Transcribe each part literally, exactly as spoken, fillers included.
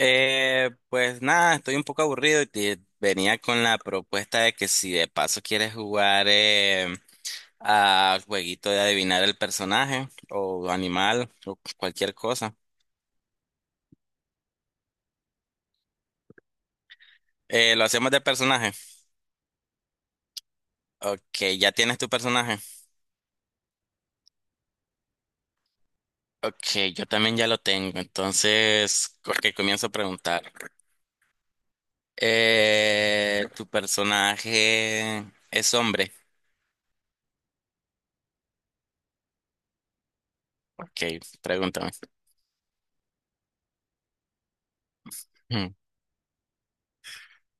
Eh, pues nada, estoy un poco aburrido y te venía con la propuesta de que si de paso quieres jugar eh, a jueguito de adivinar el personaje o animal o cualquier cosa. Eh, lo hacemos de personaje. Ok, ya tienes tu personaje. Ok, yo también ya lo tengo. Entonces, ok, comienzo a preguntar. Eh, ¿tu personaje es hombre? Ok, pregúntame. Mm.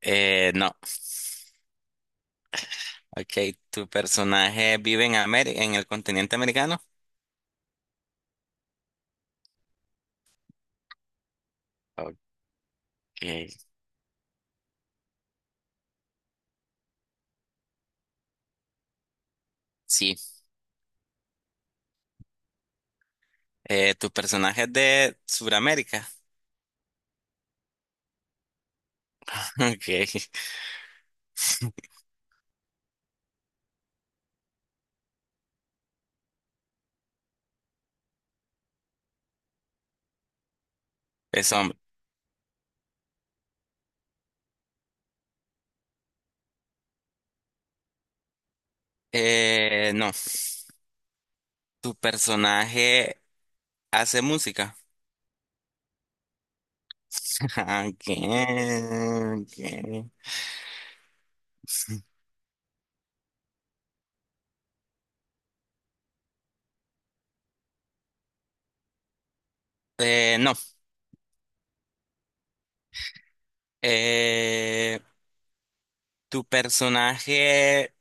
Eh, no. Ok, ¿tu personaje vive en Ameri- en el continente americano? Ok, sí. Eh, ¿tu personaje es de Sudamérica? Ok, es hombre. Eh, no, ¿tu personaje hace música? Ok, ok. Eh, no. Eh, ¿Tu personaje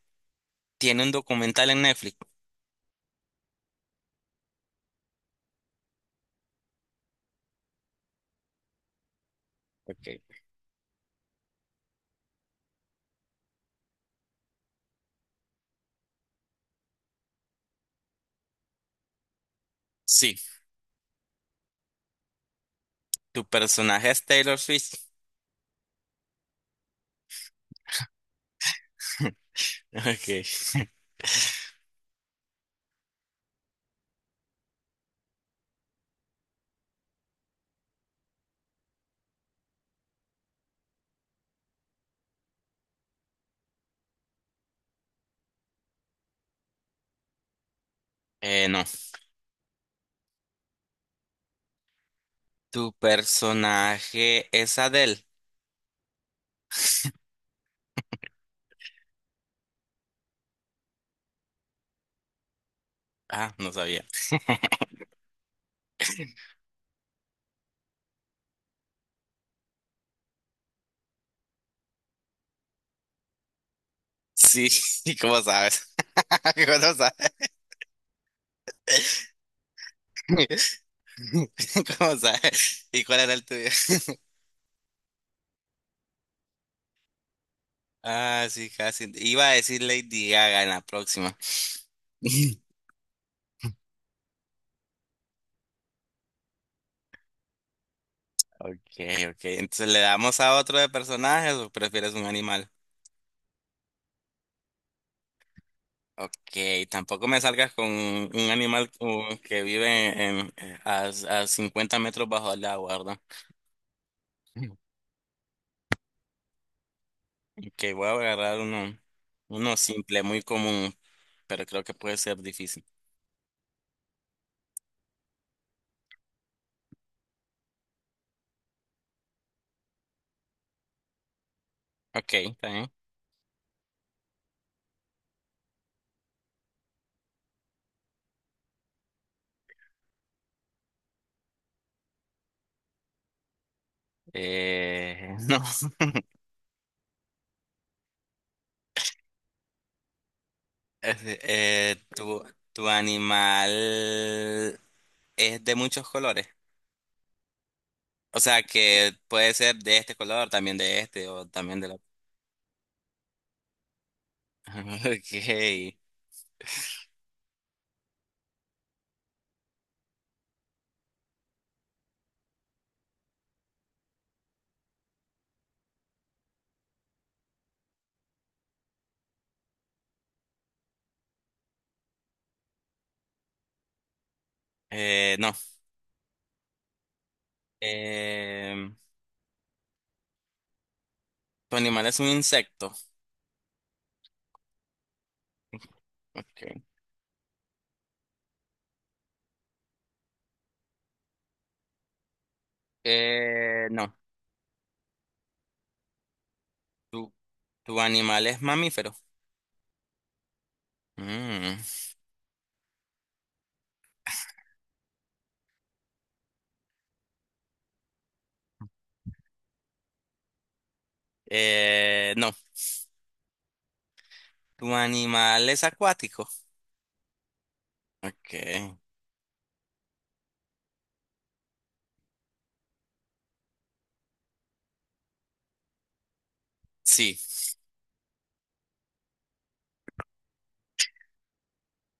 tiene un documental en Netflix? Ok. Sí. ¿Tu personaje es Taylor Swift? Ok. Eh, no. ¿Tu personaje es Adele? Ah, no sabía. Sí, ¿y cómo sabes? ¿Cómo no sabes? ¿Cómo sabes? ¿Y cuál era el tuyo? Ah, sí, casi. Iba a decir Lady Gaga en la próxima. Okay, okay. Entonces, ¿le damos a otro de personajes o prefieres un animal? Okay, tampoco me salgas con un un animal uh, que vive en, a, a cincuenta metros bajo el agua, ¿verdad? Que voy a agarrar uno, uno simple, muy común, pero creo que puede ser difícil. Ok, está bien. Eh, no. Es de- eh, tu, tu animal es de muchos colores. O sea, que puede ser de este color, también de este, o también de la... Ok. Eh, no. Eh, tu animal es un insecto. Ok. Eh, no. Tu, tu animal es mamífero. Mm. Eh, no. ¿Tu animal es acuático? Ok. Sí.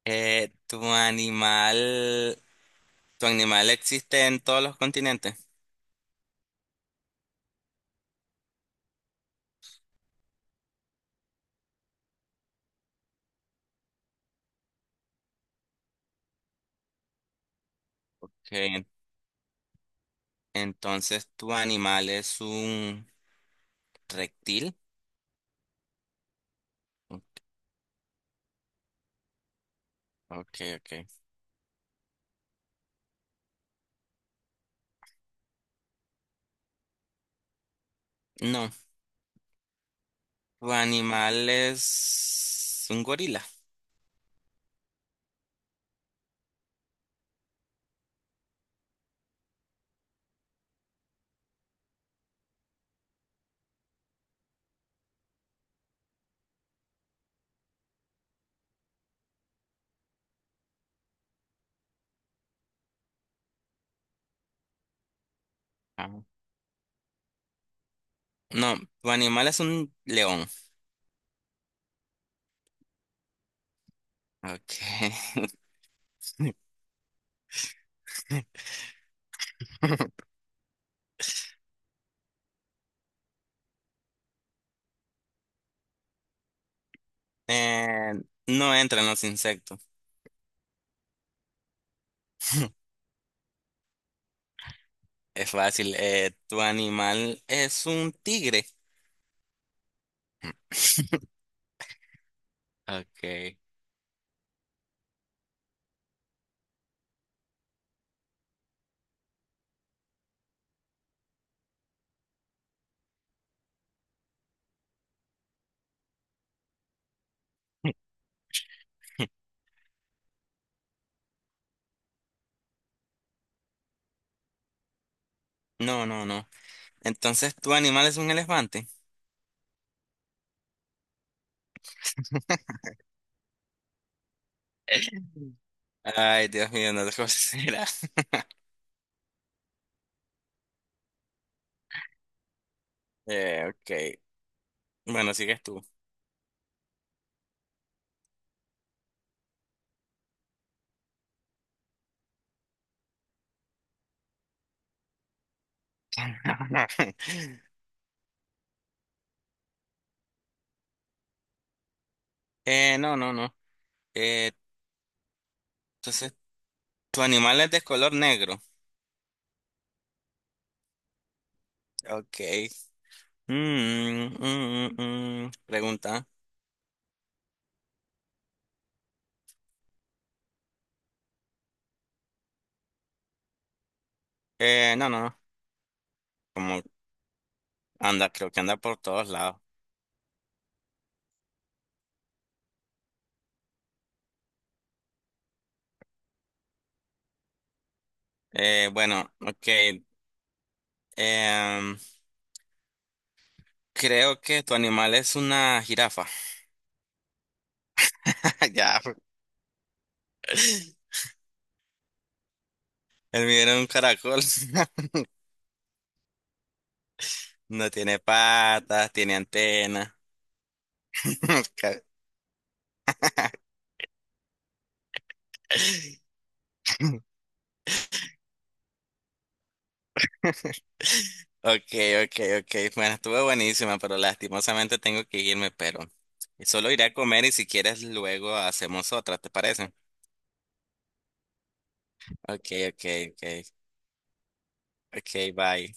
Eh, ¿tu animal, tu animal existe en todos los continentes? Ok. Entonces, ¿tu animal es un reptil? Ok, ok. No. ¿Tu animal es un gorila? Ah. No, tu animal es un león. Ok. Eh, no entran los insectos. Es fácil. Eh, ¿tu animal es un tigre? Ok. No, no, no. Entonces, ¿tu animal es un elefante? Ay, Dios mío, no te considera. Eh, ok. Bueno, sigues tú. Eh, no, no, no. Eh, entonces, ¿tu animal es de color negro? Ok. Mm, mm, mm, mm. Pregunta. Eh, no, no, no. Como anda, creo que anda por todos lados. Eh, bueno, ok. Em, creo que tu animal es una jirafa. Ya. El mío era un caracol. No tiene patas, tiene antena. Ca- Okay, okay, okay. Bueno, estuvo buenísima, pero lastimosamente tengo que irme, pero solo iré a comer y si quieres luego hacemos otra, ¿te parece? Okay, okay, okay. Okay, bye.